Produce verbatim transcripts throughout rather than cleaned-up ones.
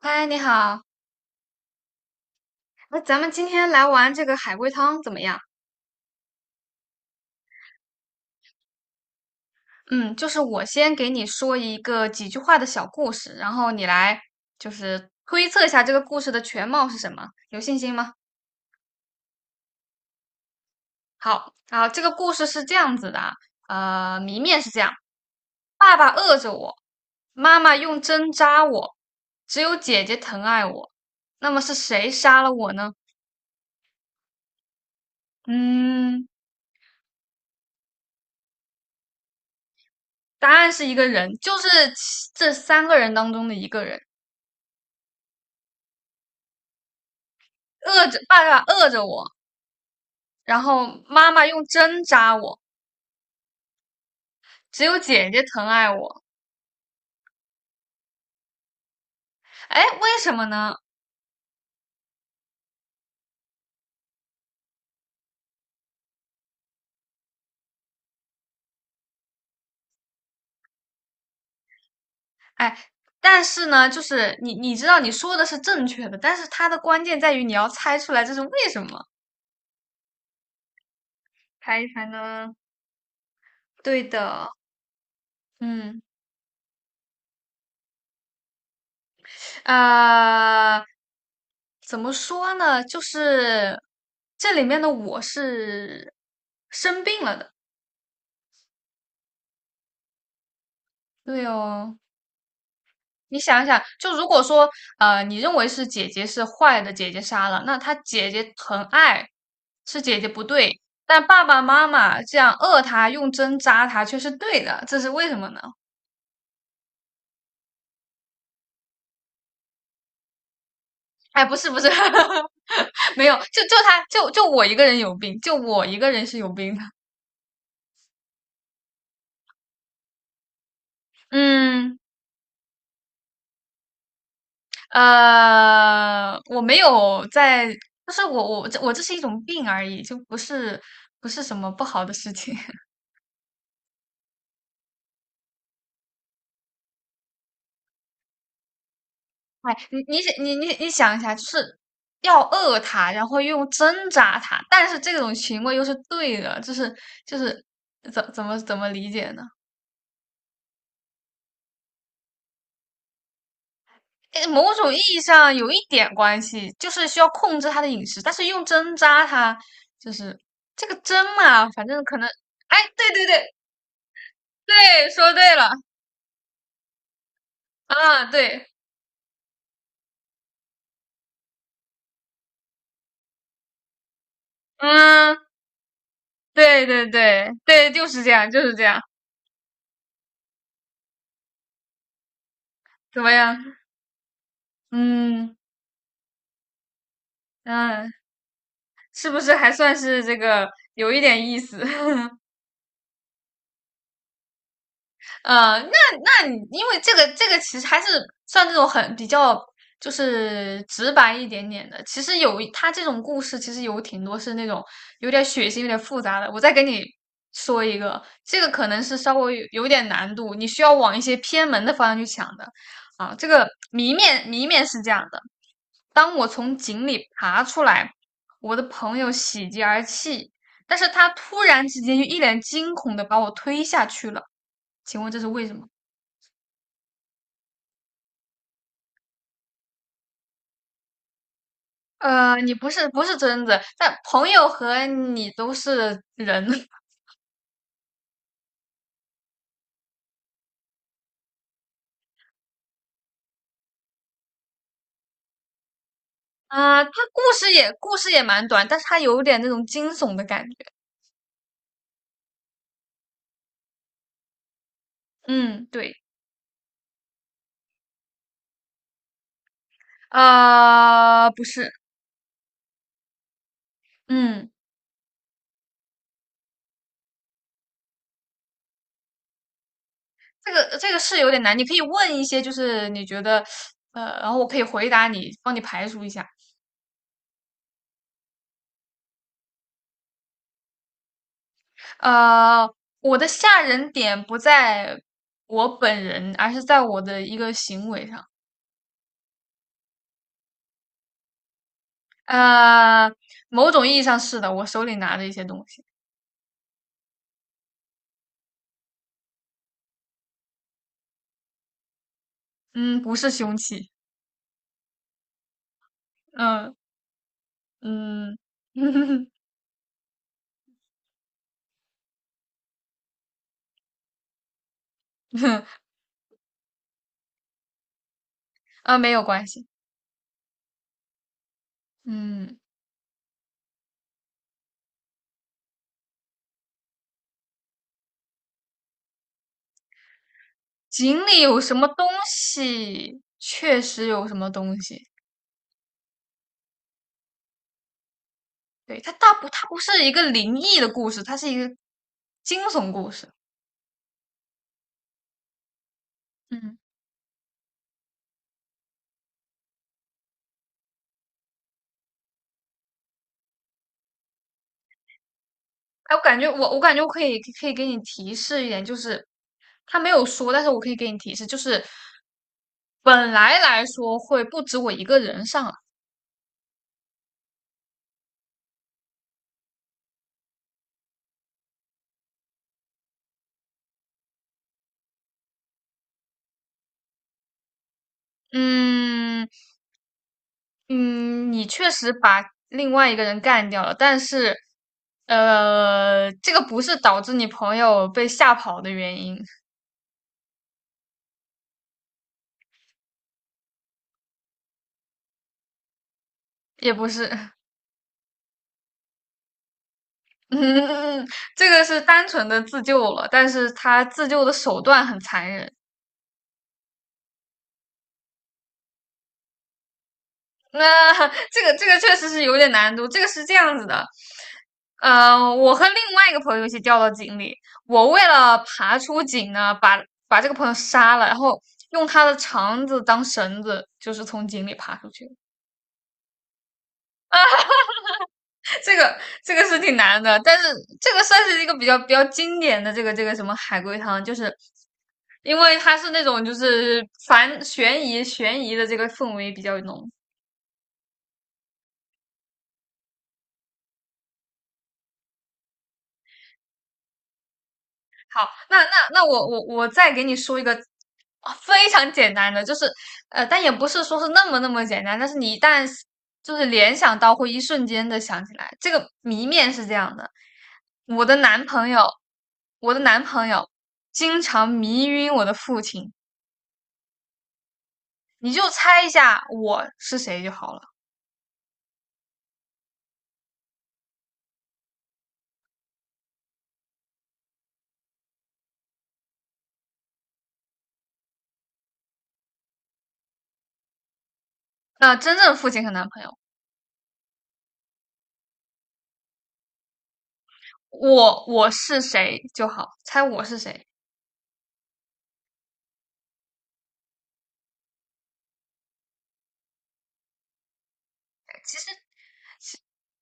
嗨，你好，那咱们今天来玩这个海龟汤怎么样？嗯，就是我先给你说一个几句话的小故事，然后你来就是推测一下这个故事的全貌是什么，有信心吗？好，然后这个故事是这样子的啊，呃，谜面是这样：爸爸饿着我，妈妈用针扎我，只有姐姐疼爱我。那么是谁杀了我呢？嗯，答案是一个人，就是其这三个人当中的一个人。饿着爸爸饿着我，然后妈妈用针扎我，只有姐姐疼爱我。哎，为什么呢？哎，但是呢，就是你你知道你说的是正确的，但是它的关键在于你要猜出来这是为什么。猜一猜呢？对的，嗯，呃，怎么说呢？就是这里面的我是生病了的。对哦，你想一想，就如果说，呃，你认为是姐姐是坏的，姐姐杀了，那她姐姐疼爱，是姐姐不对，但爸爸妈妈这样饿她，用针扎她却是对的，这是为什么呢？哎，不是不是，没有，就就他就就我一个人有病，就我一个人是有病的。嗯，呃，我没有在，就是我我这我这是一种病而已，就不是不是什么不好的事情。哎，你你想你你你想一下，就是要饿它，然后用针扎它，但是这种行为又是对的，就是就是怎怎么怎么理解呢？诶某种意义上有一点关系，就是需要控制它的饮食，但是用针扎它，就是这个针嘛，反正可能，哎，对对对对，说对了啊，对，嗯，对对对对，就是这样，就是这样，怎么样？嗯嗯。是不是还算是这个有一点意思？呃，那那你因为这个这个其实还是算这种很比较就是直白一点点的。其实有他这种故事，其实有挺多是那种有点血腥、有点复杂的。我再给你说一个，这个可能是稍微有有点难度，你需要往一些偏门的方向去想的。啊，这个谜面谜面是这样的，当我从井里爬出来，我的朋友喜极而泣，但是他突然之间就一脸惊恐的把我推下去了。请问这是为什么？呃，你不是不是贞子，但朋友和你都是人。啊、呃他故事也故事也蛮短，但是他有点那种惊悚的感觉。嗯，对，呃，不是，嗯，这个这个是有点难，你可以问一些，就是你觉得，呃，然后我可以回答你，帮你排除一下。呃，我的吓人点不在我本人，而是在我的一个行为上。呃，某种意义上是的，我手里拿着一些东西，嗯，不是凶器，嗯嗯，啊，没有关系，嗯，井里有什么东西，确实有什么东西，对，它大不，它不是一个灵异的故事，它是一个惊悚故事，嗯。哎，我感觉我我感觉我可以可以给你提示一点，就是他没有说，但是我可以给你提示，就是本来来说会不止我一个人上来，嗯嗯，你确实把另外一个人干掉了，但是呃，这个不是导致你朋友被吓跑的原因，也不是，嗯，这个是单纯的自救了，但是他自救的手段很残忍。那、呃这个这个确实是有点难度。这个是这样子的，呃，我和另外一个朋友一起掉到井里，我为了爬出井呢，把把这个朋友杀了，然后用他的肠子当绳子，就是从井里爬出去。这个这个是挺难的，但是这个算是一个比较比较经典的这个这个什么海龟汤，就是因为它是那种就是反悬疑悬疑的这个氛围比较浓，好，那那那我我我再给你说一个啊非常简单的，就是呃，但也不是说是那么那么简单，但是你一旦就是联想到，会一瞬间的想起来。这个谜面是这样的：我的男朋友，我的男朋友经常迷晕我的父亲，你就猜一下我是谁就好了。那真正父亲和男朋友，我我是谁就好，猜我是谁。其实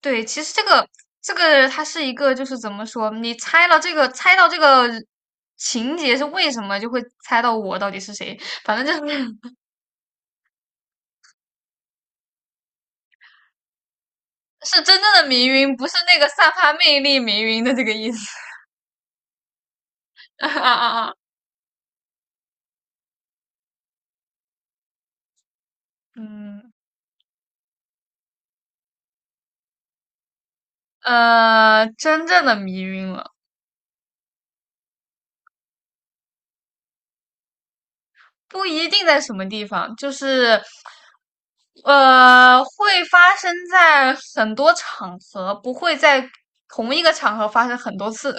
对，其实这个这个它是一个，就是怎么说，你猜了这个，猜到这个情节是为什么，就会猜到我到底是谁。反正就是 是真正的迷晕，不是那个散发魅力迷晕的这个意思。啊啊啊！嗯，呃，真正的迷晕了，不一定在什么地方，就是呃，会发生在很多场合，不会在同一个场合发生很多次。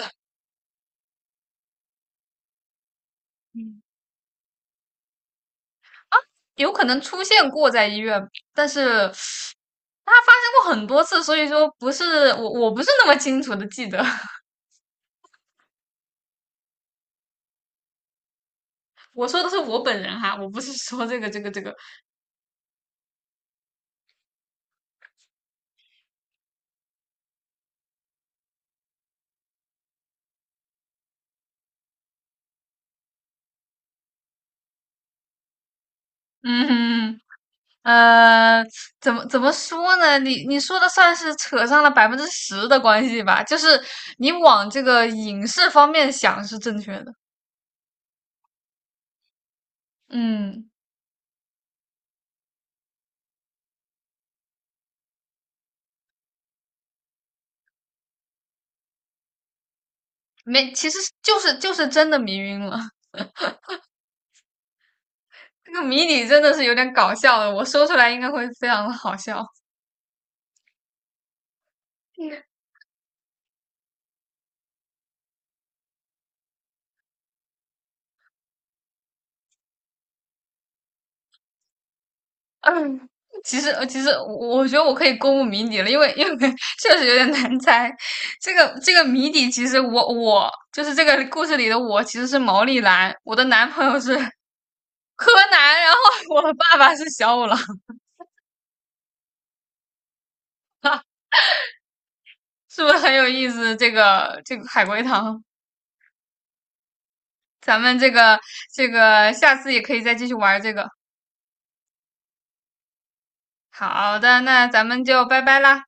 有可能出现过在医院，但是它发生过很多次，所以说不是我我不是那么清楚的记得。我说的是我本人哈，我不是说这个这个这个，嗯哼。呃，怎么怎么说呢？你你说的算是扯上了百分之十的关系吧，就是你往这个影视方面想是正确的。嗯，没，其实就是就是真的迷晕了。这个谜底真的是有点搞笑的，我说出来应该会非常的好笑。嗯 嗯，其实呃其实我我觉得我可以公布谜底了，因为因为 确实有点难猜。这个这个谜底，其实我我就是这个故事里的我，其实是毛利兰，我的男朋友是柯南，然后 我的爸爸是小五郎，是不是很有意思？这个这个海龟汤，咱们这个这个下次也可以再继续玩这个。好的，那咱们就拜拜啦。